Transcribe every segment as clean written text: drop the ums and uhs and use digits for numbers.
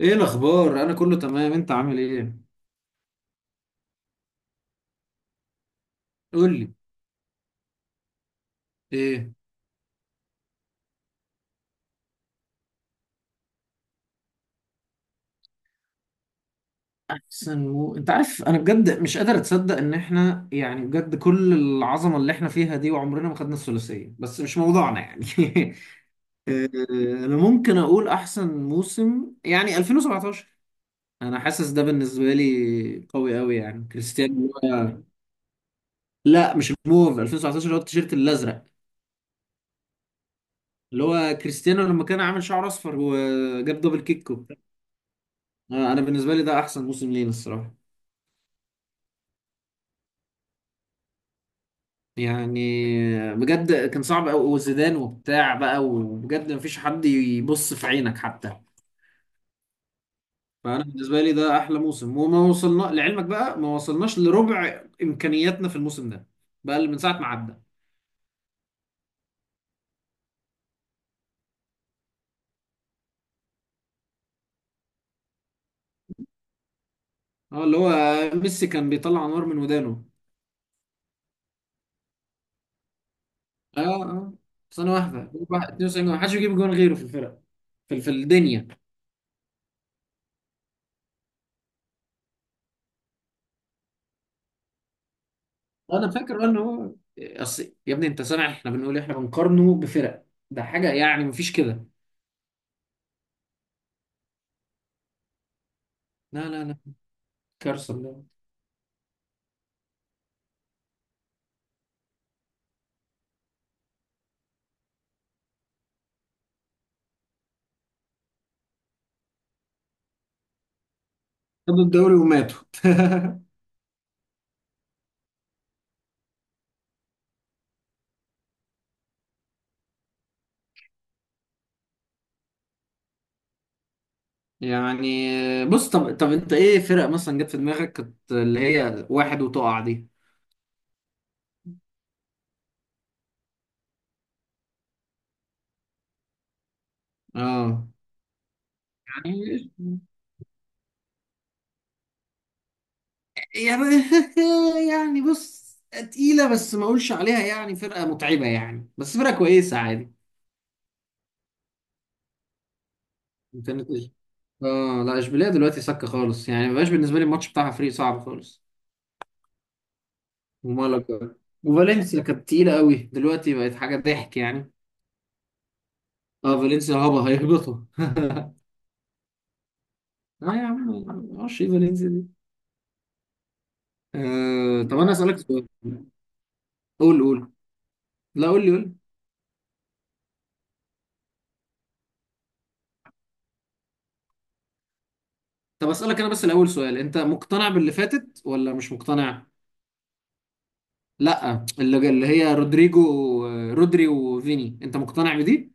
ايه الاخبار؟ انا كله تمام، انت عامل ايه؟ قول لي. ايه احسن انت عارف انا بجد مش قادر اتصدق ان احنا، يعني بجد، كل العظمه اللي احنا فيها دي وعمرنا ما خدنا الثلاثيه، بس مش موضوعنا يعني. انا ممكن اقول احسن موسم يعني 2017. انا حاسس ده بالنسبه لي قوي قوي، يعني كريستيانو. اللي هو لا مش الموف، 2019، اللي هو التيشيرت الازرق. اللي هو كريستيانو لما كان عامل شعر اصفر وجاب دبل كيك وبتاع. انا بالنسبه لي ده احسن موسم لينا الصراحه. يعني بجد كان صعب قوي، وزيدان وبتاع بقى، وبجد مفيش حد يبص في عينك حتى. فانا بالنسبه لي ده احلى موسم، وما وصلنا لعلمك بقى، ما وصلناش لربع امكانياتنا في الموسم ده. بقى اللي من ساعه ما عدى. اه، اللي هو ميسي كان بيطلع نار من ودانه. اه، اه، سنه واحده. 92، ما حدش بيجيب جون غيره في الفرق، في الدنيا. انا فاكر ان هو اصل يا ابني، انت سامع احنا بنقول إيه؟ احنا بنقارنه بفرق، ده حاجه يعني مفيش كده. لا، لا، لا، كارثه. خدوا الدوري وماتوا. يعني بص، طب طب، انت ايه فرق مثلا جت في دماغك كانت اللي هي واحد وتقع دي؟ اه، يعني، يعني. يعني بص، تقيلة بس ما اقولش عليها يعني فرقة متعبة يعني، بس فرقة كويسة عادي. ما كانت- اه لا، اشبيليه دلوقتي سكة خالص، يعني ما بقاش بالنسبة لي الماتش بتاعها فريق صعب خالص. ومالك، وفالنسيا كانت تقيلة قوي، دلوقتي بقت حاجة ضحك يعني. اه، فالنسيا هبة هيهبطوا. اه يا عم، ما اعرفش ايه فالنسيا دي. طب انا اسالك سؤال. قول، قول. لا قول لي، قول لي. طب اسالك انا بس الاول سؤال، انت مقتنع باللي فاتت ولا مش مقتنع؟ لا، اللي هي رودريجو. رودري وفيني، انت مقتنع بدي؟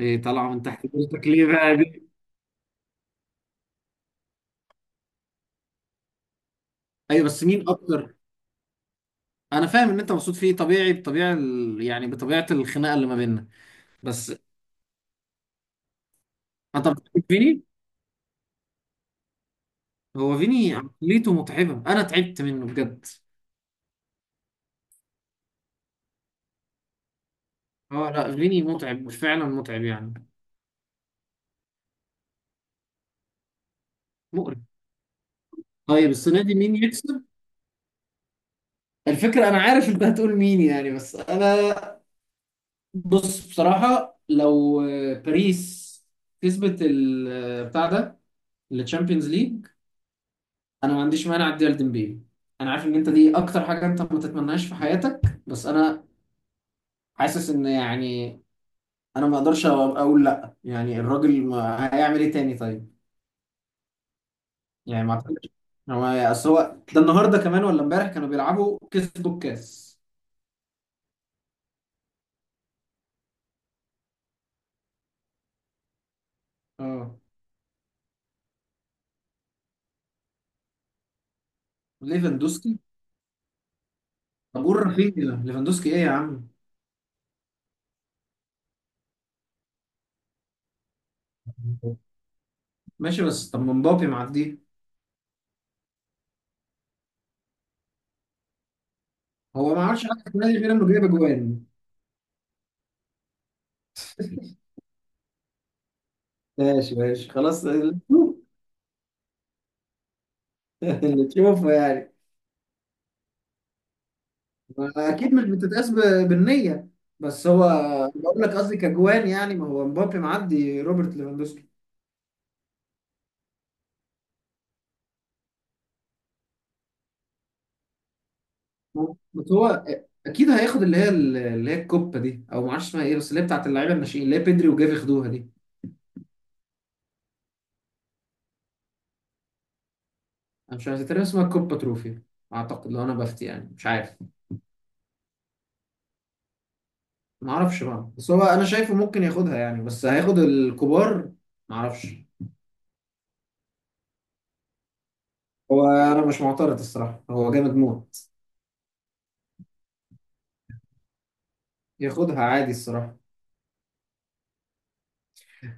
ايه طالعه من تحت رجلك ليه بقى دي؟ ايوه، بس مين اكتر؟ انا فاهم ان انت مبسوط فيه، طبيعي، بطبيعه يعني بطبيعه الخناقه اللي ما بيننا. بس انت بتحب فيني. هو فيني عقليته متعبه، انا تعبت منه بجد. اه لا، فيني متعب فعلا، متعب يعني. مقرف. طيب السنه دي مين يكسب؟ الفكرة أنا عارف أنت هتقول مين يعني، بس أنا، بص بصراحة، لو باريس كسبت بتاع ده، الشامبيونز ليج، أنا ما عنديش مانع أديها لديمبيلي. أنا عارف إن أنت دي أكتر حاجة أنت ما تتمناش في حياتك، بس أنا حاسس إن، يعني، أنا ما أقدرش أقول لأ، يعني الراجل ما هيعمل إيه تاني طيب؟ يعني ما أعتقدش. هو أصل هو ده النهاردة كمان ولا إمبارح كانوا بيلعبوا كسبوا الكاس. أه، ليفاندوسكي. طب قول رافينيا ليفاندوسكي إيه يا عم؟ ماشي، بس طب مبابي معديه؟ هو ما عملش حاجه في النادي غير انه جايب اجوان. ماشي ماشي خلاص، اللي تشوفه. اللي تشوفه يعني. اكيد مش بتتقاس بالنيه. بس هو، بقول لك قصدي كجوان، يعني ما هو مبابي معدي روبرت ليفاندوسكي. بس هو اكيد هياخد اللي هي الكوبا دي، او ما اعرفش اسمها ايه، بس اللي هي بتاعت اللعيبه الناشئين، اللي هي بيدري وجافي خدوها دي. انا مش عارف، تقريبا اسمها الكوبا تروفي. اعتقد، لو انا بفتي يعني، مش عارف. ما اعرفش بقى، بس هو انا شايفه ممكن ياخدها يعني، بس هياخد الكبار، ما اعرفش. هو انا مش معترض الصراحه، هو جامد موت. ياخدها عادي الصراحه.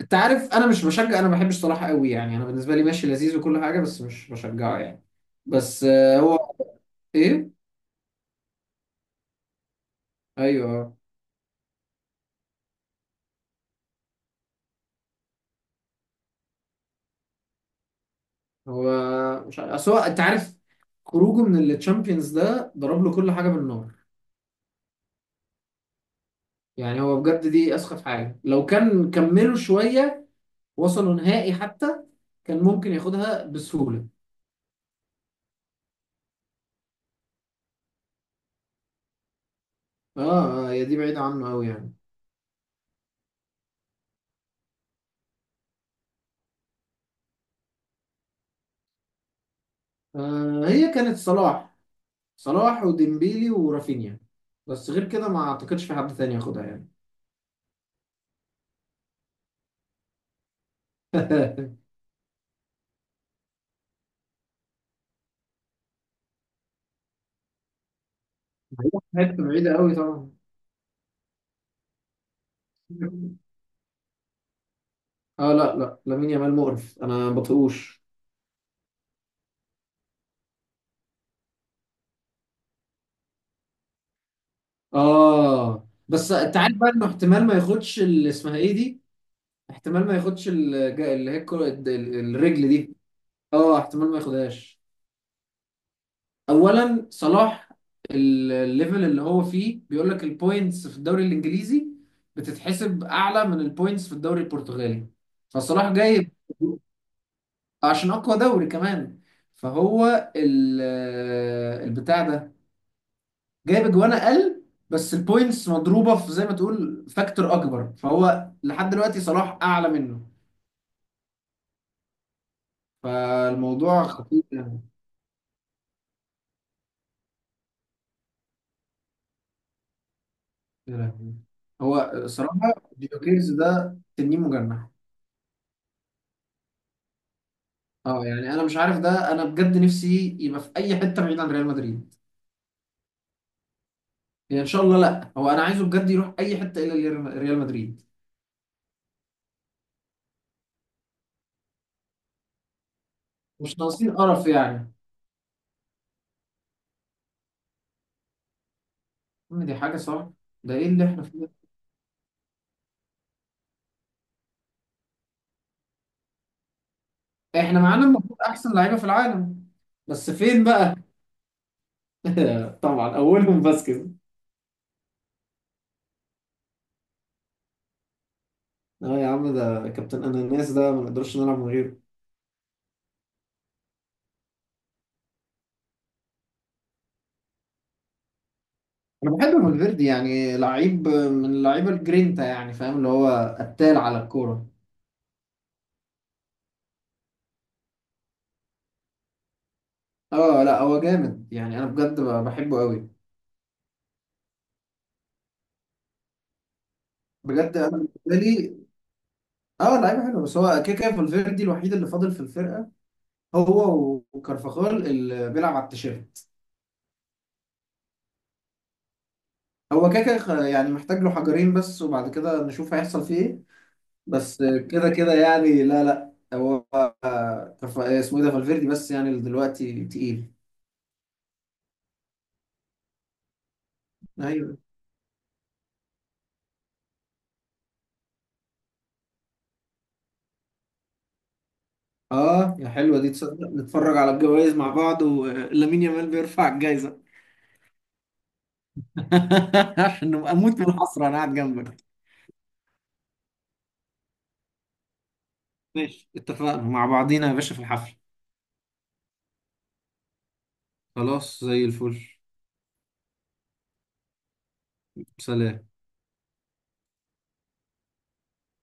انت عارف انا مش بشجع، انا ما بحبش صلاح قوي يعني، انا بالنسبه لي ماشي لذيذ وكل حاجه بس مش بشجعه يعني. بس هو، ايه، ايوه هو. مش عارف أصل هو، انت عارف، خروجه من التشامبيونز ده ضرب له كل حاجه بالنار. يعني هو بجد دي اسخف حاجه، لو كان كملوا شويه، وصلوا نهائي حتى، كان ممكن ياخدها بسهوله. اه، اه هي دي بعيدة عنه أوي يعني. آه هي كانت صلاح، صلاح وديمبيلي ورافينيا، بس غير كده ما أعتقدش في حد تاني ياخدها يعني. بعيدة حتة، بعيدة أوي طبعا. اه لا لا، لامين يامال مقرف، أنا ما بطيقوش. اه بس أنت عارف بقى إنه احتمال ما ياخدش اللي اسمها إيه دي، احتمال ما ياخدش اللي هي الرجل دي. اه، احتمال ما ياخدهاش. اولا صلاح، الليفل اللي هو فيه بيقول لك، البوينتس في الدوري الانجليزي بتتحسب اعلى من البوينتس في الدوري البرتغالي، فصلاح جايب، عشان اقوى دوري كمان. فهو البتاع ده جايب اجوان اقل، بس البوينتس مضروبه في زي ما تقول فاكتور اكبر، فهو لحد دلوقتي صلاح اعلى منه، فالموضوع خطير يعني. يا لهوي. هو صراحه ديوكيرز ده تنين مجنح. اه يعني، انا مش عارف، ده انا بجد نفسي يبقى في اي حته بعيد عن ريال مدريد. يعني ان شاء الله، لا هو انا عايزه بجد يروح اي حته الا ريال مدريد. مش ناقصين قرف يعني. دي حاجه صعبه، ده ايه اللي احنا فيه ده؟ احنا معانا المفروض احسن لعيبه في العالم، بس فين بقى؟ طبعا اولهم باسكيز. اه يا عم، ده كابتن اناناس، ده ما نقدرش نلعب من غيره. انا بحب فالفيردي، يعني لعيب من اللعيبه الجرينتا، يعني فاهم، اللي هو قتال على الكوره. اه لا، هو جامد، يعني انا بجد بحبه قوي. بجد انا بالنسبه لي، اه، لعيبه حلوه، بس هو كده كده فالفيردي الوحيد اللي فاضل في الفرقه، هو وكارفاخال اللي بيلعب على التيشيرت. هو كده كده يعني محتاج له حجرين بس، وبعد كده نشوف هيحصل فيه ايه. بس كده كده يعني، لا لا هو، اسمه ايه ده، فالفيردي، بس يعني اللي دلوقتي تقيل. ايوه. اه يا حلوه دي، تصدق نتفرج على الجوائز مع بعض ولامين يامال بيرفع الجايزه؟ عشان نبقى اموت من الحسره انا قاعد جنبك. ماشي، اتفقنا مع بعضينا يا باشا في الحفل. خلاص زي الفل. سلام.